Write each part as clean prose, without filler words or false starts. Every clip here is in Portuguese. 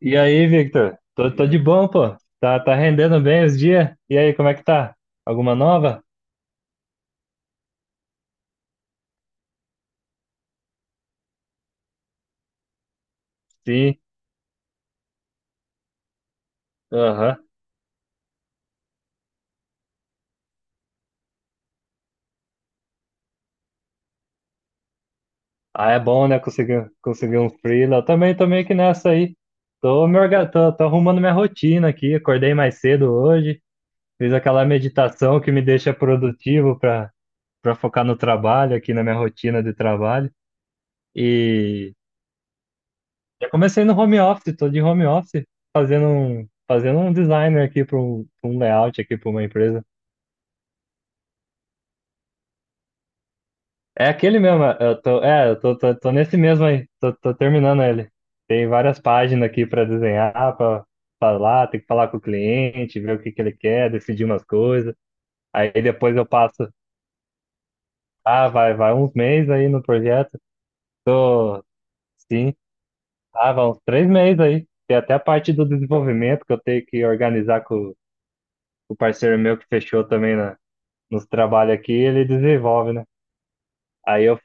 E aí, Victor? Tô de bom, pô. Tá rendendo bem os dias? E aí, como é que tá? Alguma nova? Sim. Aham. Ah, é bom, né? Conseguir um freela. Eu também tô meio que nessa aí. Tô, me orga... tô, tô arrumando minha rotina aqui. Acordei mais cedo hoje. Fiz aquela meditação que me deixa produtivo pra focar no trabalho, aqui na minha rotina de trabalho. E já comecei no home office. Tô de home office fazendo um designer aqui pra um layout aqui para uma empresa. É aquele mesmo, eu tô nesse mesmo aí, tô terminando ele. Tem várias páginas aqui para desenhar, para falar, tem que falar com o cliente, ver o que que ele quer, decidir umas coisas. Aí depois eu passo, ah, vai uns meses aí no projeto. Tô, sim, ah, vai uns 3 meses aí. Tem até a parte do desenvolvimento que eu tenho que organizar com o parceiro meu que fechou também nos trabalhos aqui, ele desenvolve, né? Aí eu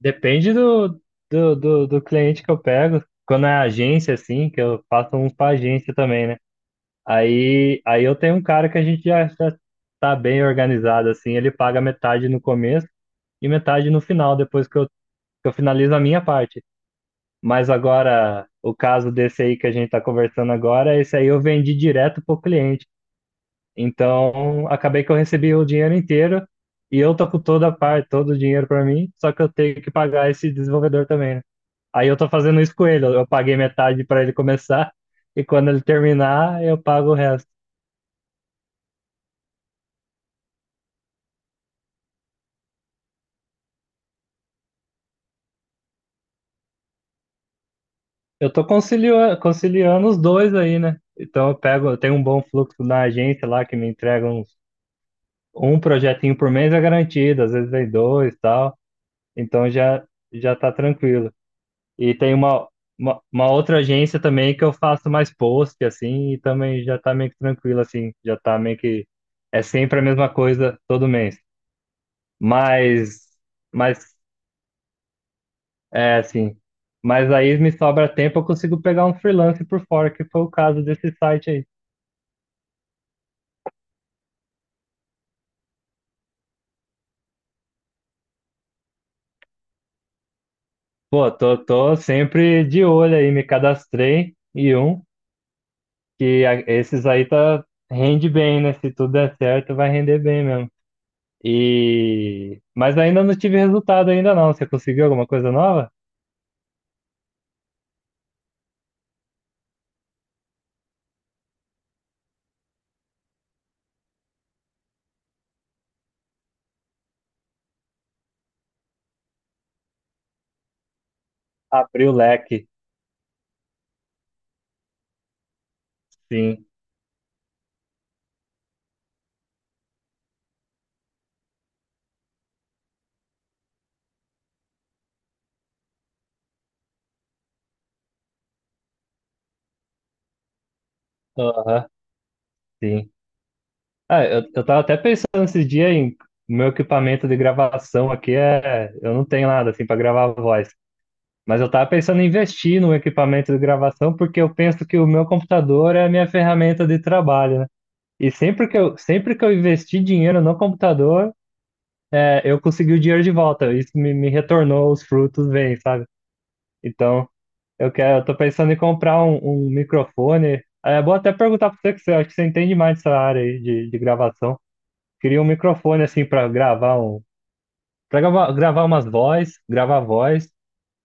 Depende do cliente que eu pego. Quando é agência, assim, que eu faço uns para agência também, né? Aí eu tenho um cara que a gente já tá bem organizado, assim, ele paga metade no começo e metade no final, depois que eu finalizo a minha parte. Mas agora, o caso desse aí que a gente tá conversando agora, esse aí eu vendi direto pro cliente. Então, acabei que eu recebi o dinheiro inteiro e eu tô com toda a parte, todo o dinheiro para mim, só que eu tenho que pagar esse desenvolvedor também, né? Aí eu tô fazendo isso com ele. Eu paguei metade para ele começar e quando ele terminar, eu pago o resto. Eu tô conciliando os dois aí, né? Então eu tenho um bom fluxo na agência lá que me entrega um projetinho por mês é garantido, às vezes vem dois, e tal. Então já tá tranquilo. E tem uma outra agência também que eu faço mais post assim, e também já tá meio que tranquilo assim, já tá meio que é sempre a mesma coisa todo mês. Mas mas é, assim. Mas aí me sobra tempo, eu consigo pegar um freelance por fora, que foi o caso desse site aí. Pô, tô sempre de olho aí, me cadastrei esses aí tá, rende bem, né? Se tudo der certo, vai render bem mesmo. Mas ainda não tive resultado ainda não. Você conseguiu alguma coisa nova? Abriu o leque, sim. Aham, sim. Ah, eu tava até pensando esses dias em meu equipamento de gravação aqui. Eu não tenho nada assim pra gravar voz. Mas eu tava pensando em investir no equipamento de gravação porque eu penso que o meu computador é a minha ferramenta de trabalho, né? E sempre que eu investi dinheiro no computador, eu consegui o dinheiro de volta. Isso me retornou os frutos, bem, sabe? Então, eu tô pensando em comprar um microfone. É bom até perguntar pra você que você acho que você entende mais dessa área aí de gravação. Queria um microfone assim pra gravar um, para gravar, gravar umas vozes, gravar voz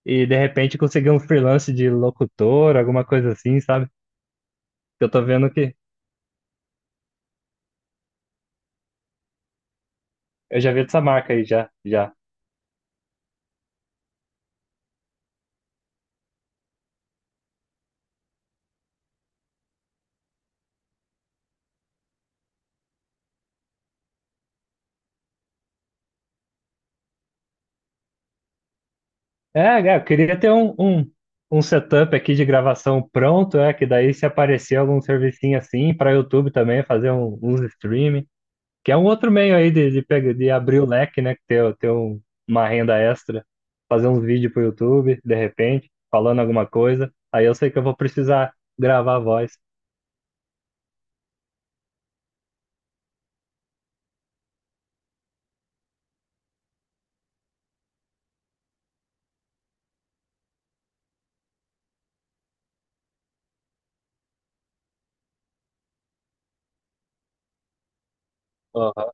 e de repente conseguir um freelance de locutor, alguma coisa assim, sabe? Eu tô vendo que eu já vi dessa marca aí, já, já. É, é, eu queria ter um setup aqui de gravação pronto, que daí se aparecer algum servicinho assim para YouTube também, fazer uns streaming, que é um outro meio aí de abrir o leque, né? que Ter, ter um- uma renda extra, fazer uns vídeos pro YouTube, de repente, falando alguma coisa. Aí eu sei que eu vou precisar gravar a voz. Aham,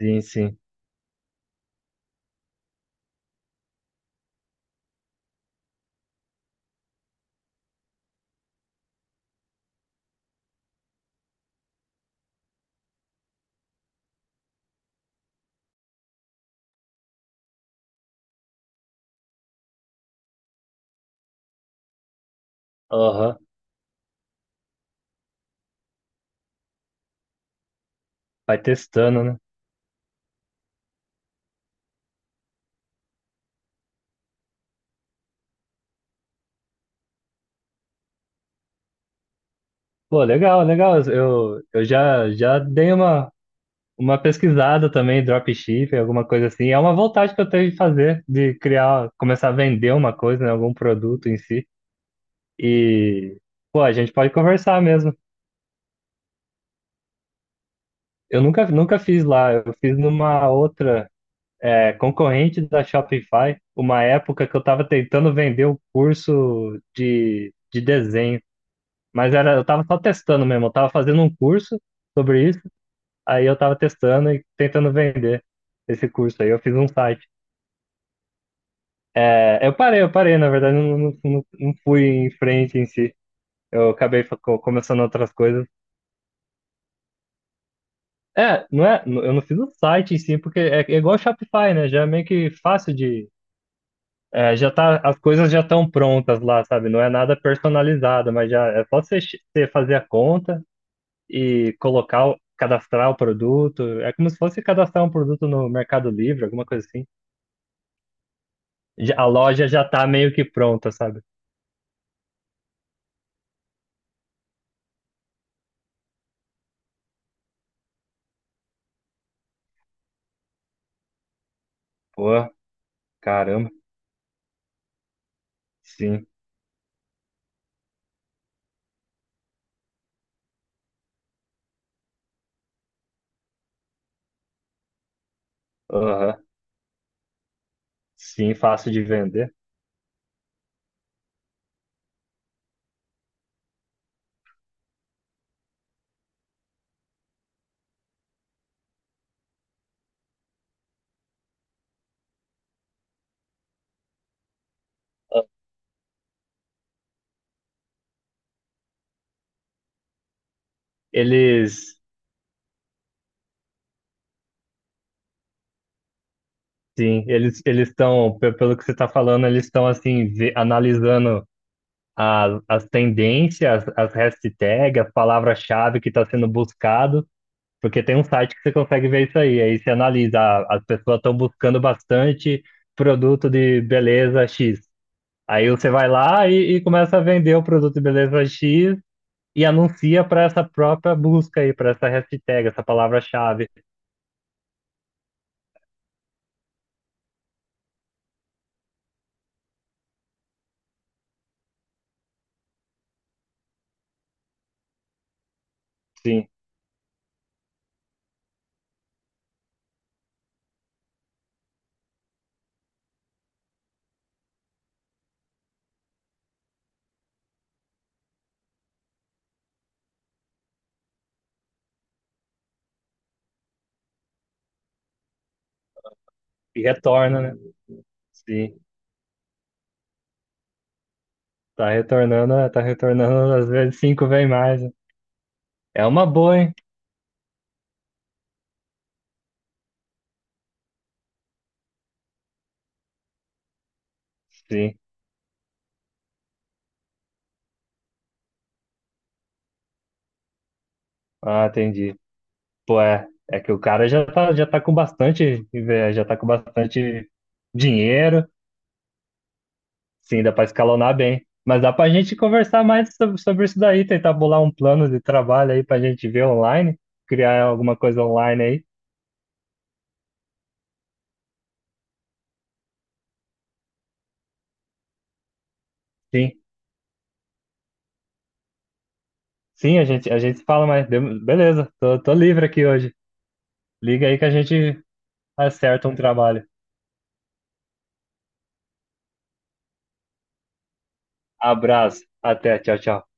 sim, sim. Aham. Vai testando, né? Pô, legal, legal. Eu já dei uma pesquisada também, dropshipping, alguma coisa assim. É uma vontade que eu tenho de fazer, de criar, começar a vender uma coisa, né, algum produto em si. E, pô, a gente pode conversar mesmo. Eu nunca, nunca fiz lá, eu fiz numa outra, concorrente da Shopify, uma época que eu tava tentando vender o curso de desenho. Mas era, eu tava só testando mesmo, eu tava fazendo um curso sobre isso. Aí eu tava testando e tentando vender esse curso aí. Eu fiz um site. É, eu parei, na verdade, eu não fui em frente em si. Eu acabei começando outras coisas. É, não é, eu não fiz o site em si, porque é igual Shopify, né? Já é meio que fácil de. Já tá, as coisas já estão prontas lá, sabe? Não é nada personalizado, mas já é só você fazer a conta e cadastrar o produto. É como se fosse cadastrar um produto no Mercado Livre, alguma coisa assim. A loja já tá meio que pronta, sabe? Pô, caramba. Sim. Aham. Sim, fácil de vender. Eles, sim, eles estão, pelo que você está falando, eles estão assim analisando as tendências, as hashtags, as palavras-chave que está sendo buscado, porque tem um site que você consegue ver isso aí. Aí você analisa, ah, as pessoas estão buscando bastante produto de beleza X. Aí você vai lá e começa a vender o produto de beleza X e anuncia para essa própria busca aí, para essa hashtag, essa palavra-chave. Sim. E retorna, né? Sim. Tá retornando, às vezes cinco vem mais, né? É uma boa, hein? Sim. Ah, entendi. Pô, é que o cara já tá com bastante dinheiro. Sim, dá pra escalonar bem. Mas dá pra gente conversar mais sobre isso daí, tentar bolar um plano de trabalho aí pra gente ver online, criar alguma coisa online aí. Sim. Sim, a gente se fala, beleza, tô livre aqui hoje. Liga aí que a gente acerta um trabalho. Abraço, até, tchau, tchau.